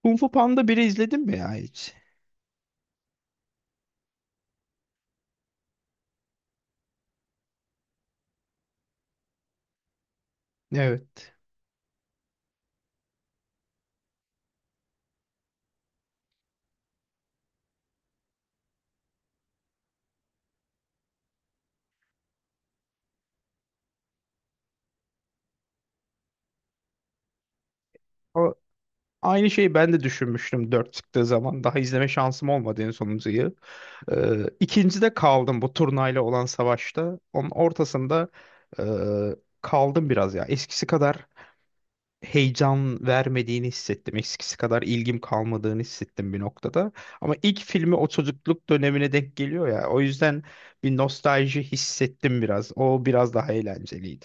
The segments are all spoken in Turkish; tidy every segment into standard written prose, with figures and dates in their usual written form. Kung Fu Panda biri izledin mi ya hiç? Evet. O, aynı şeyi ben de düşünmüştüm 4 çıktığı zaman. Daha izleme şansım olmadı en sonuncuyu. İkincide kaldım bu turnayla olan savaşta. Onun ortasında e, kaldım biraz ya. Eskisi kadar heyecan vermediğini hissettim. Eskisi kadar ilgim kalmadığını hissettim bir noktada. Ama ilk filmi o çocukluk dönemine denk geliyor ya. O yüzden bir nostalji hissettim biraz. O biraz daha eğlenceliydi.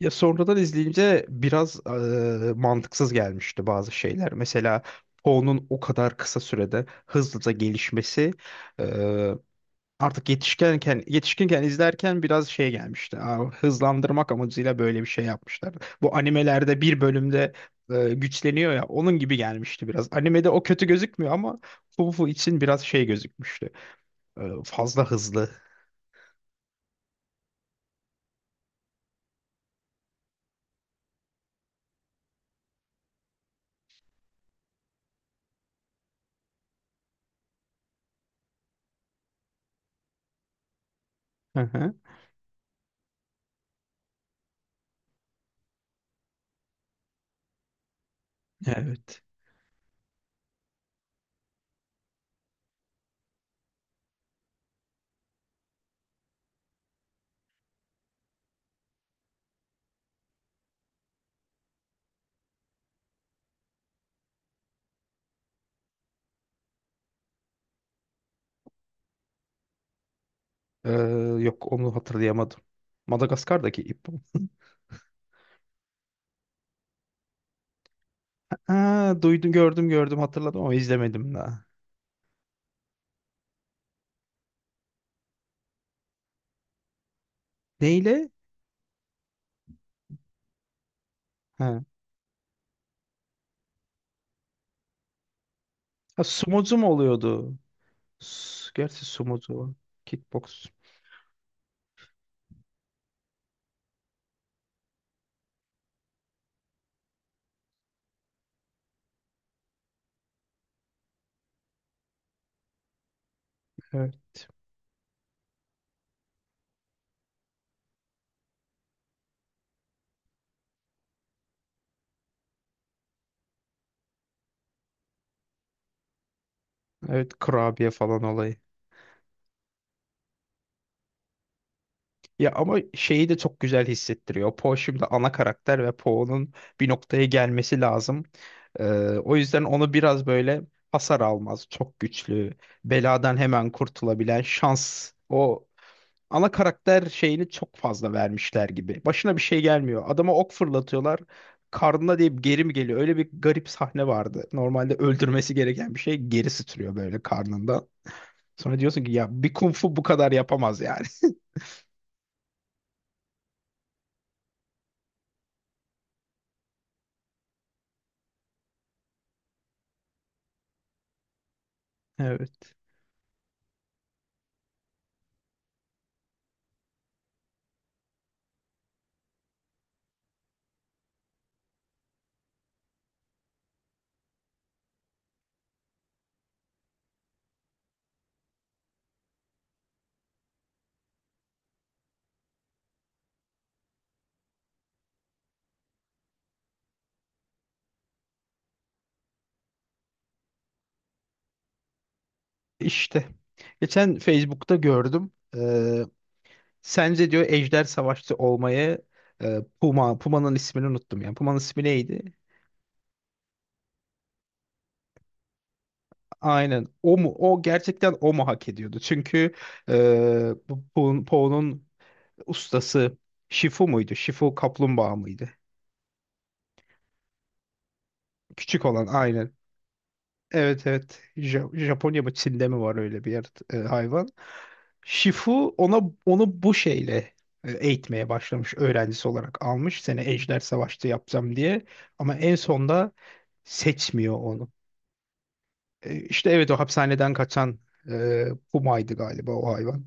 Ya sonradan izleyince biraz mantıksız gelmişti bazı şeyler. Mesela Poe'nun o kadar kısa sürede hızlıca gelişmesi eee, artık yetişkinken izlerken biraz şey gelmişti. Aa, hızlandırmak amacıyla böyle bir şey yapmışlar. Bu animelerde bir bölümde güçleniyor ya onun gibi gelmişti biraz. Animede o kötü gözükmüyor ama Poe için biraz şey gözükmüştü. Fazla hızlı. Hı hı. Evet. Eee, Yok onu hatırlayamadım. Madagaskar'daki ip. Ha, duydum gördüm hatırladım ama izlemedim daha. Neyle? Ha. Ha, sumocu mu oluyordu? Gerçi sumocu var. Kickbox. Evet. Evet, kurabiye falan olayı. Ya ama şeyi de çok güzel hissettiriyor. Po şimdi ana karakter ve Po'nun bir noktaya gelmesi lazım. Ee, O yüzden onu biraz böyle hasar almaz. Çok güçlü. Beladan hemen kurtulabilen şans. O ana karakter şeyini çok fazla vermişler gibi. Başına bir şey gelmiyor. Adama ok fırlatıyorlar. Karnına deyip geri mi geliyor? Öyle bir garip sahne vardı. Normalde öldürmesi gereken bir şey geri sıçrıyor böyle karnından. Sonra diyorsun ki ya bir kung fu bu kadar yapamaz yani. Evet. İşte. Geçen Facebook'ta gördüm. Sence diyor Ejder Savaşçı olmayı Puma, Puma'nın ismini unuttum ya. Puma'nın ismi neydi? Aynen, o mu, o gerçekten o mu hak ediyordu çünkü bu Poe'nun ustası Shifu muydu, Shifu kaplumbağa mıydı küçük olan, aynen. Evet evet, Japonya mı Çin'de mi var öyle bir yer, hayvan. Shifu ona onu bu şeyle eğitmeye başlamış, öğrencisi olarak almış, seni Ejder Savaş'ta yapacağım diye ama en sonda seçmiyor onu. İşte evet, o hapishaneden kaçan e, Puma'ydı galiba o hayvan.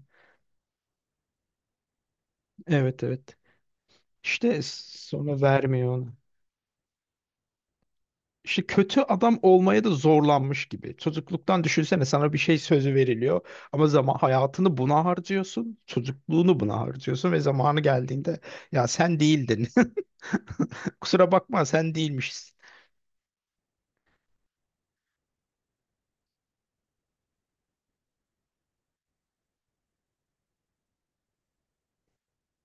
Evet evet. İşte sonra vermiyor onu. İşte kötü adam olmaya da zorlanmış gibi. Çocukluktan düşünsene, sana bir şey sözü veriliyor ama zaman hayatını buna harcıyorsun, çocukluğunu buna harcıyorsun ve zamanı geldiğinde ya sen değildin. Kusura bakma, sen değilmişsin.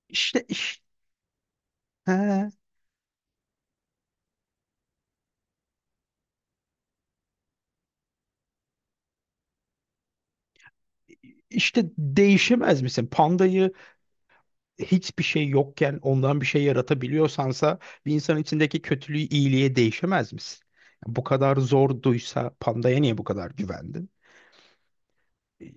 İşte iş, he, işte değişemez misin? Pandayı hiçbir şey yokken ondan bir şey yaratabiliyorsansa bir insanın içindeki kötülüğü iyiliğe değişemez misin? Bu kadar zorduysa pandaya niye bu kadar güvendin?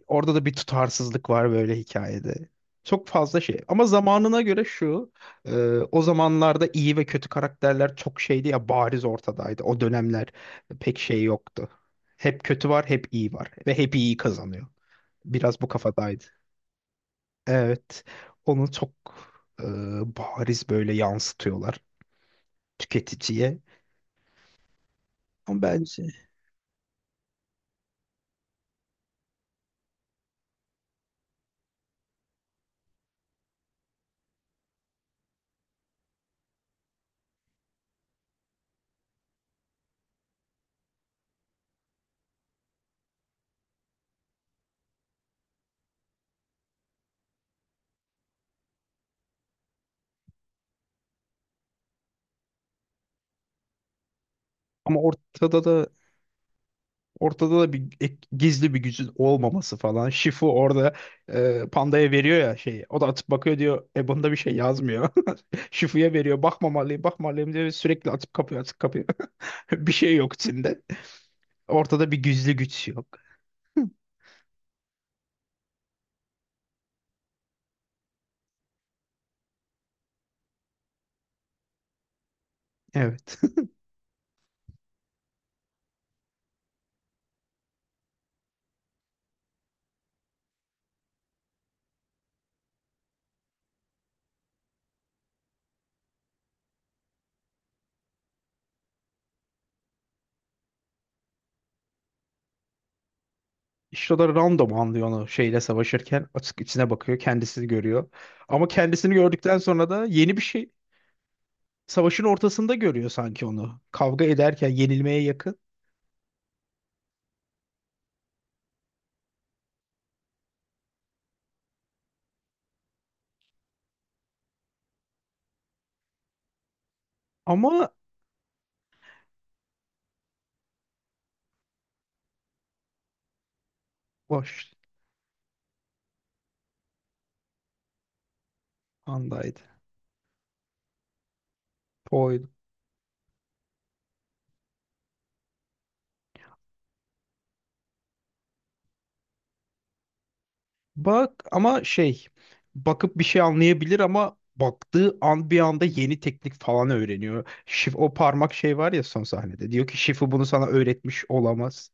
Orada da bir tutarsızlık var böyle hikayede. Çok fazla şey. Ama zamanına göre şu, e, o zamanlarda iyi ve kötü karakterler çok şeydi ya, bariz ortadaydı. O dönemler pek şey yoktu. Hep kötü var, hep iyi var ve hep iyi kazanıyor. Biraz bu kafadaydı. Evet, onu çok e, bariz böyle yansıtıyorlar tüketiciye. Ama bence ama ortada da Ortada da bir gizli bir gücün olmaması falan. Shifu orada Panda'ya veriyor ya şeyi. O da atıp bakıyor diyor. E bunda bir şey yazmıyor. Shifu'ya veriyor. Bakmamalıyım, bakmamalıyım diyor. Ve sürekli atıp kapıyor, atıp kapıyor. Bir şey yok içinde. Ortada bir gizli güç yok. Evet. İşte o da random anlıyor onu şeyle savaşırken. Açık içine bakıyor. Kendisini görüyor. Ama kendisini gördükten sonra da yeni bir şey. Savaşın ortasında görüyor sanki onu. Kavga ederken yenilmeye yakın. Ama boş andaydı. Poydu. Bak ama şey, bakıp bir şey anlayabilir ama baktığı an bir anda yeni teknik falan öğreniyor. Şif o parmak şey var ya son sahnede. Diyor ki Şifu bunu sana öğretmiş olamaz.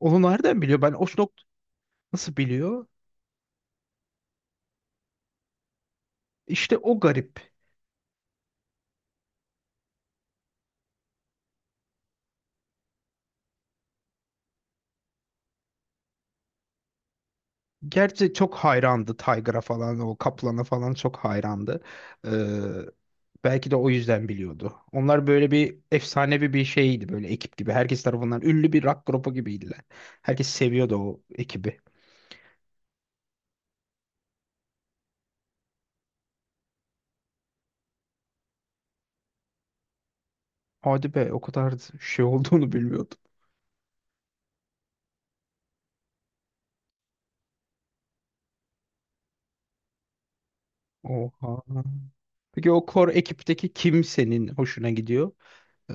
Onu nereden biliyor? Ben o nokta Nasıl biliyor? İşte o garip. Gerçi çok hayrandı Tiger'a falan, o Kaplan'a falan çok hayrandı. Ee, Belki de o yüzden biliyordu. Onlar böyle bir efsanevi bir şeydi böyle, ekip gibi. Herkes tarafından ünlü bir rock grubu gibiydiler. Herkes seviyordu o ekibi. Hadi be, o kadar şey olduğunu bilmiyordum. Oha. Peki o kor ekipteki kim senin hoşuna gidiyor? Ee,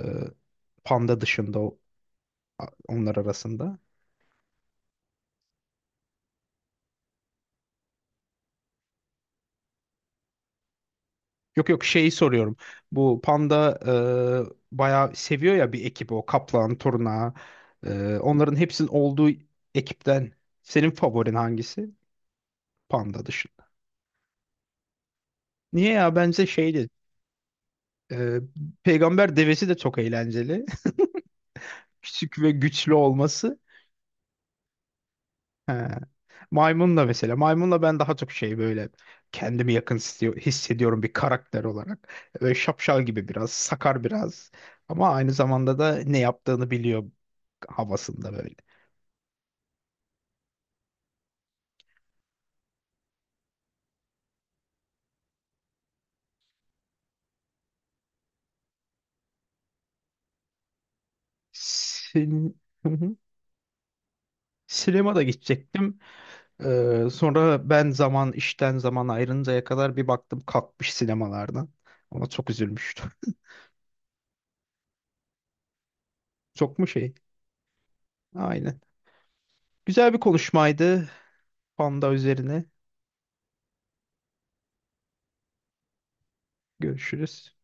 Panda dışında o, onlar arasında. Yok yok, şeyi soruyorum. Bu Panda bayağı seviyor ya bir ekibi, o Kaplan, Turna, onların hepsinin olduğu ekipten senin favorin hangisi? Panda dışında. Niye ya, bence şeydi. e, Peygamber devesi de çok eğlenceli. Küçük ve güçlü olması. He. Maymunla mesela. Maymunla ben daha çok şey böyle kendimi yakın hissediyorum bir karakter olarak. Böyle şapşal gibi biraz, sakar biraz. Ama aynı zamanda da ne yaptığını biliyor havasında böyle. Hı hı. Sinemada gidecektim. Sonra ben zaman işten zaman ayrıncaya kadar bir baktım kalkmış sinemalardan. Ona çok üzülmüştüm. Çok mu şey? Aynen. Güzel bir konuşmaydı. Panda üzerine. Görüşürüz.